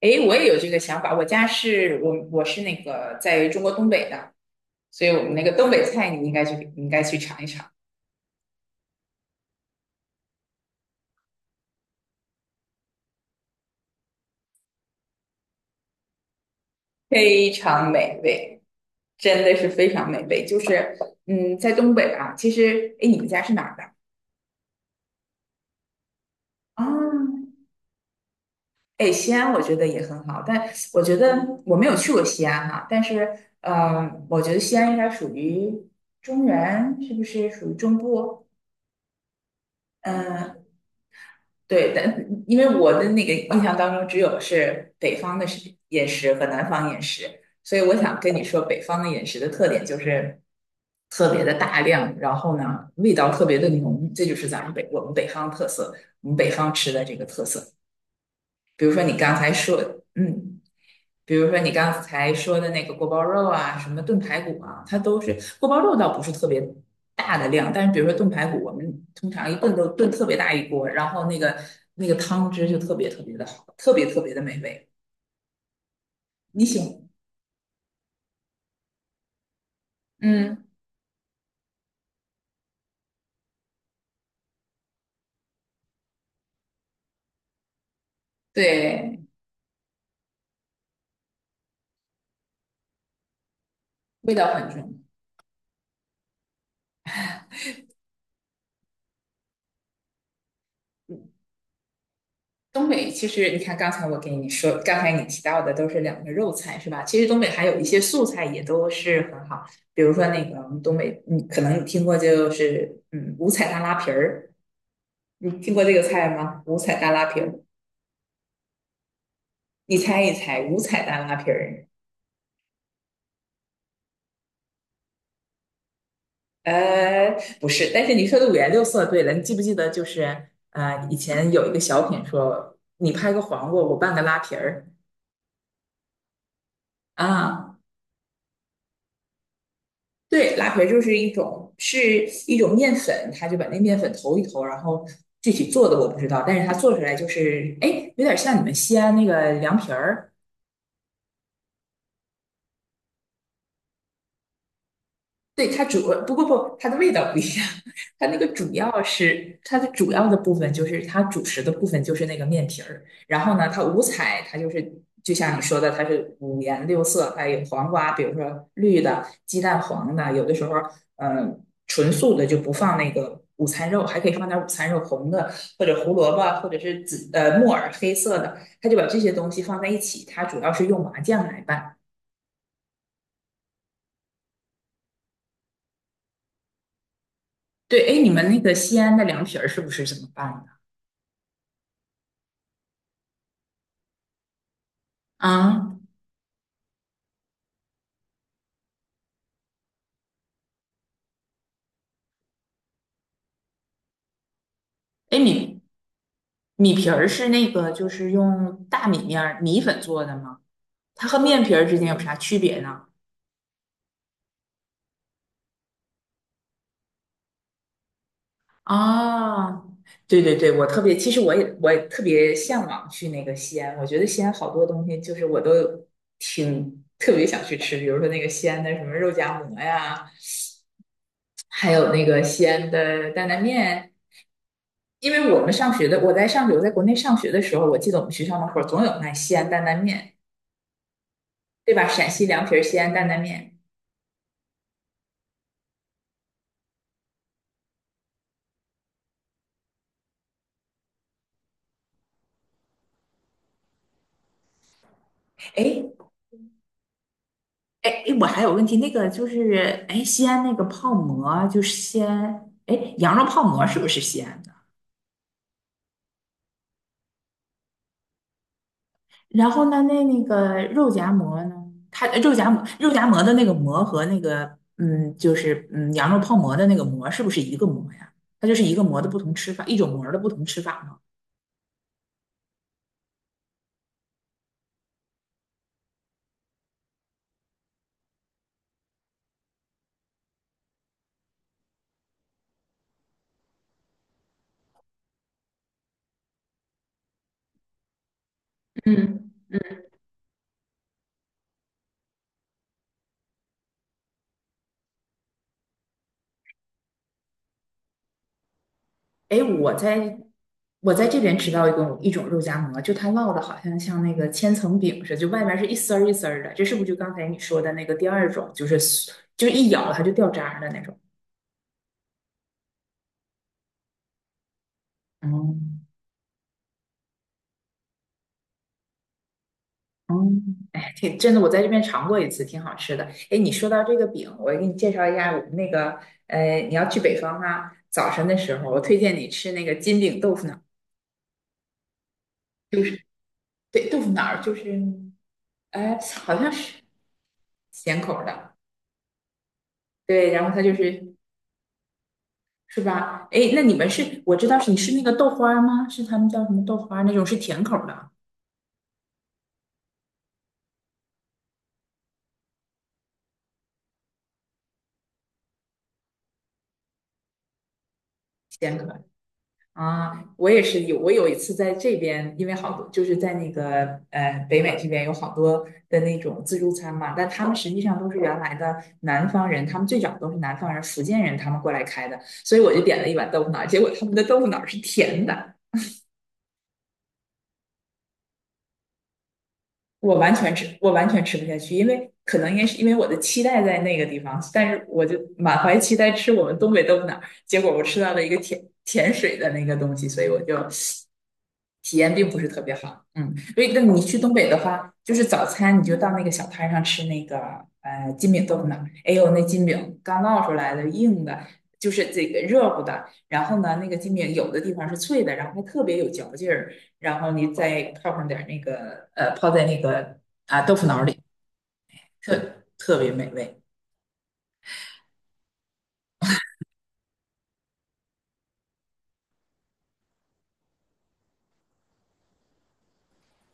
诶，我也有这个想法。我家是我是那个在中国东北的，所以我们那个东北菜你应该去尝一尝，非常美味，真的是非常美味。就是在东北啊，其实诶，你们家是哪儿的啊？哎，西安我觉得也很好，但我觉得我没有去过西安哈、但是我觉得西安应该属于中原，是不是属于中部？嗯、对，但因为我的那个印象当中，只有是北方的食饮食和南方饮食，所以我想跟你说，北方的饮食的特点就是特别的大量，然后呢，味道特别的浓，这就是咱们北我们北方特色，我们北方吃的这个特色。比如说你刚才说，嗯。比如说你刚才说的那个锅包肉啊，什么炖排骨啊，它都是锅包肉倒不是特别大的量，但是比如说炖排骨，我们通常一炖都炖特别大一锅，然后那个汤汁就特别特别的好，特别特别的美味。你喜欢？嗯，对，味道很重。东北其实你看，刚才我给你说，刚才你提到的都是两个肉菜是吧？其实东北还有一些素菜也都是很好，比如说那个我们东北，嗯，可能你听过就是五彩大拉皮儿。你听过这个菜吗？五彩大拉皮儿，你猜一猜，五彩大拉皮儿？呃，不是，但是你说的五颜六色，对了，你记不记得就是以前有一个小品说，你拍个黄瓜，我拌个拉皮儿啊？对，拉皮儿就是一种面粉，他就把那面粉投一投，然后具体做的我不知道，但是它做出来就是，哎，有点像你们西安那个凉皮儿。对，它主，不过不，它的味道不一样。它那个主要是它的主要的部分，就是它主食的部分就是那个面皮儿。然后呢，它五彩，它就是就像你说的，它是五颜六色，还有黄瓜，比如说绿的、鸡蛋黄的，有的时候嗯呃纯素的就不放那个午餐肉，还可以放点午餐肉，红的或者胡萝卜或者是紫木耳黑色的，它就把这些东西放在一起。它主要是用麻酱来拌。对，哎，你们那个西安的凉皮儿是不是这么拌的？啊，哎，米皮儿是那个，就是用大米面儿米粉做的吗？它和面皮儿之间有啥区别呢？啊，对对对，我特别，其实我也特别向往去那个西安，我觉得西安好多东西就是我都挺特别想去吃，比如说那个西安的什么肉夹馍呀，还有那个西安的担担面。因为我在国内上学的时候，我记得我们学校门口总有卖西安担担面，对吧？陕西凉皮儿、西安担担面。哎哎，我还有问题，那个就是哎，西安那个泡馍啊就是西安，哎，羊肉泡馍是不是西安的？然后呢，那个肉夹馍呢？它肉夹馍的那个馍和那个就是羊肉泡馍的那个馍是不是一个馍呀？它就是一个馍的不同吃法，一种馍的不同吃法吗？哎，我在这边吃到一种肉夹馍，就它烙的好像像那个千层饼似的，就外面是一丝儿一丝儿的，这是不是就刚才你说的那个第二种，就是一咬它就掉渣儿的那种？嗯嗯，哎，挺真的，我在这边尝过一次，挺好吃的。哎，你说到这个饼，我给你介绍一下我们那个，你要去北方啊，早晨的时候，我推荐你吃那个金饼豆腐脑，就是对豆腐脑，就是哎，好像是咸口儿的。对，然后它就是是吧？哎，那你们是，我知道是你是那个豆花儿吗？是他们叫什么豆花儿那种是甜口儿的，甜口儿啊。我有一次在这边，因为好多就是在那个北美这边有好多的那种自助餐嘛，但他们实际上都是原来的南方人，他们最早都是南方人、福建人他们过来开的，所以我就点了一碗豆腐脑儿结果他们的豆腐脑儿是甜的，我完全吃不下去，因为可能应该是因为我的期待在那个地方，但是我就满怀期待吃我们东北豆腐脑儿，结果我吃到了一个甜甜水的那个东西，所以我就体验并不是特别好。嗯，所以那你去东北的话，就是早餐你就到那个小摊儿上吃那个金饼豆腐脑儿，哎呦那金饼刚烙出来的硬的，就是这个热乎的，然后呢那个金饼有的地方是脆的，然后还特别有嚼劲儿。然后你再泡上点那个泡在那个啊豆腐脑里，特别美味。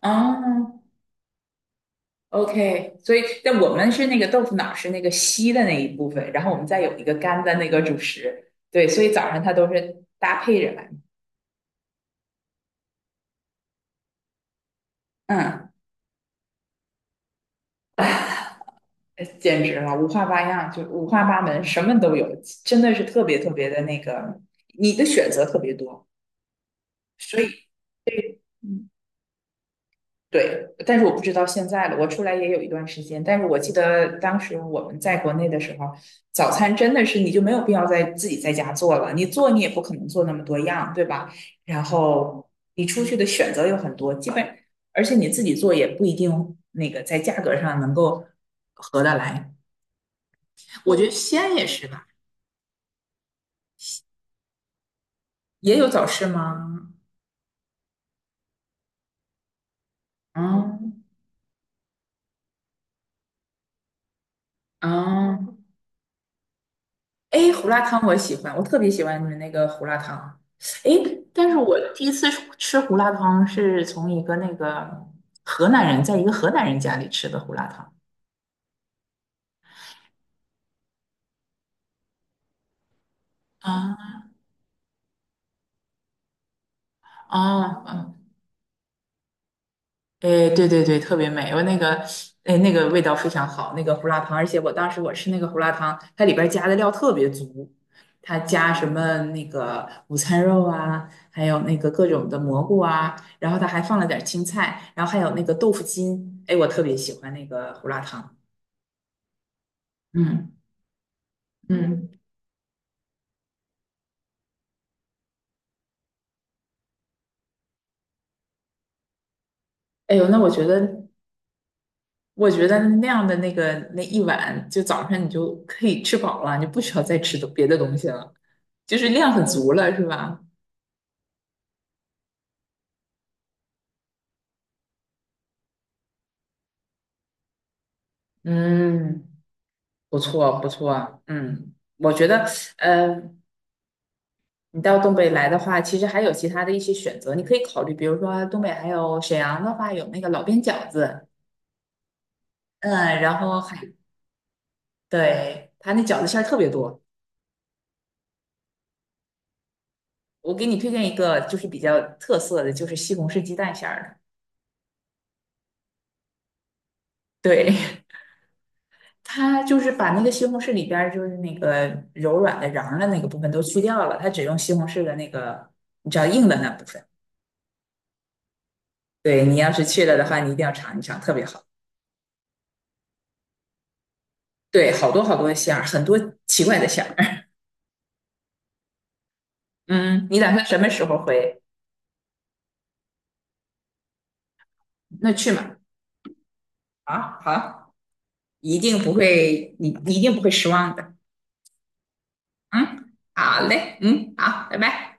啊 o k 所以但我们是那个豆腐脑是那个稀的那一部分，然后我们再有一个干的那个主食，对，所以早上它都是搭配着来。嗯，简直了，五花八样，就五花八门，什么都有，真的是特别特别的那个，你的选择特别多，所以。对，但是我不知道现在了。我出来也有一段时间，但是我记得当时我们在国内的时候，早餐真的是你就没有必要在自己在家做了，你做你也不可能做那么多样，对吧？然后你出去的选择有很多，基本而且你自己做也不一定那个在价格上能够合得来。我觉得西安也是吧，也有早市吗？嗯嗯，哎，胡辣汤我喜欢，我特别喜欢你们那个胡辣汤。哎，但是我第一次吃胡辣汤是从一个那个河南人，在一个河南人家里吃的胡辣汤。啊啊哎，对对对，特别美，我那个，哎，那个味道非常好，那个胡辣汤，而且我当时我吃那个胡辣汤，它里边儿加的料特别足，它加什么那个午餐肉啊，还有那个各种的蘑菇啊，然后它还放了点儿青菜，然后还有那个豆腐筋，哎，我特别喜欢那个胡辣汤，嗯嗯，哎呦，那我觉得那样的那个那一碗，就早上你就可以吃饱了，你不需要再吃别的东西了，就是量很足了，是吧？嗯，不错不错，嗯，我觉得，呃，你到东北来的话，其实还有其他的一些选择，你可以考虑，比如说东北还有沈阳的话，有那个老边饺子，嗯，然后还对他那饺子馅儿特别多，我给你推荐一个，就是比较特色的，就是西红柿鸡蛋馅儿的，对，它就是把那个西红柿里边儿就是那个柔软的瓤儿的那个部分都去掉了，它只用西红柿的那个，你知道硬的那部分，对你要是去了的话，你一定要尝一尝，特别好。对，好多好多馅儿，很多奇怪的馅儿。嗯，你打算什么时候回？那去嘛。啊，好，一定不会，你一定不会失望的。嗯，好嘞，嗯，好，拜拜。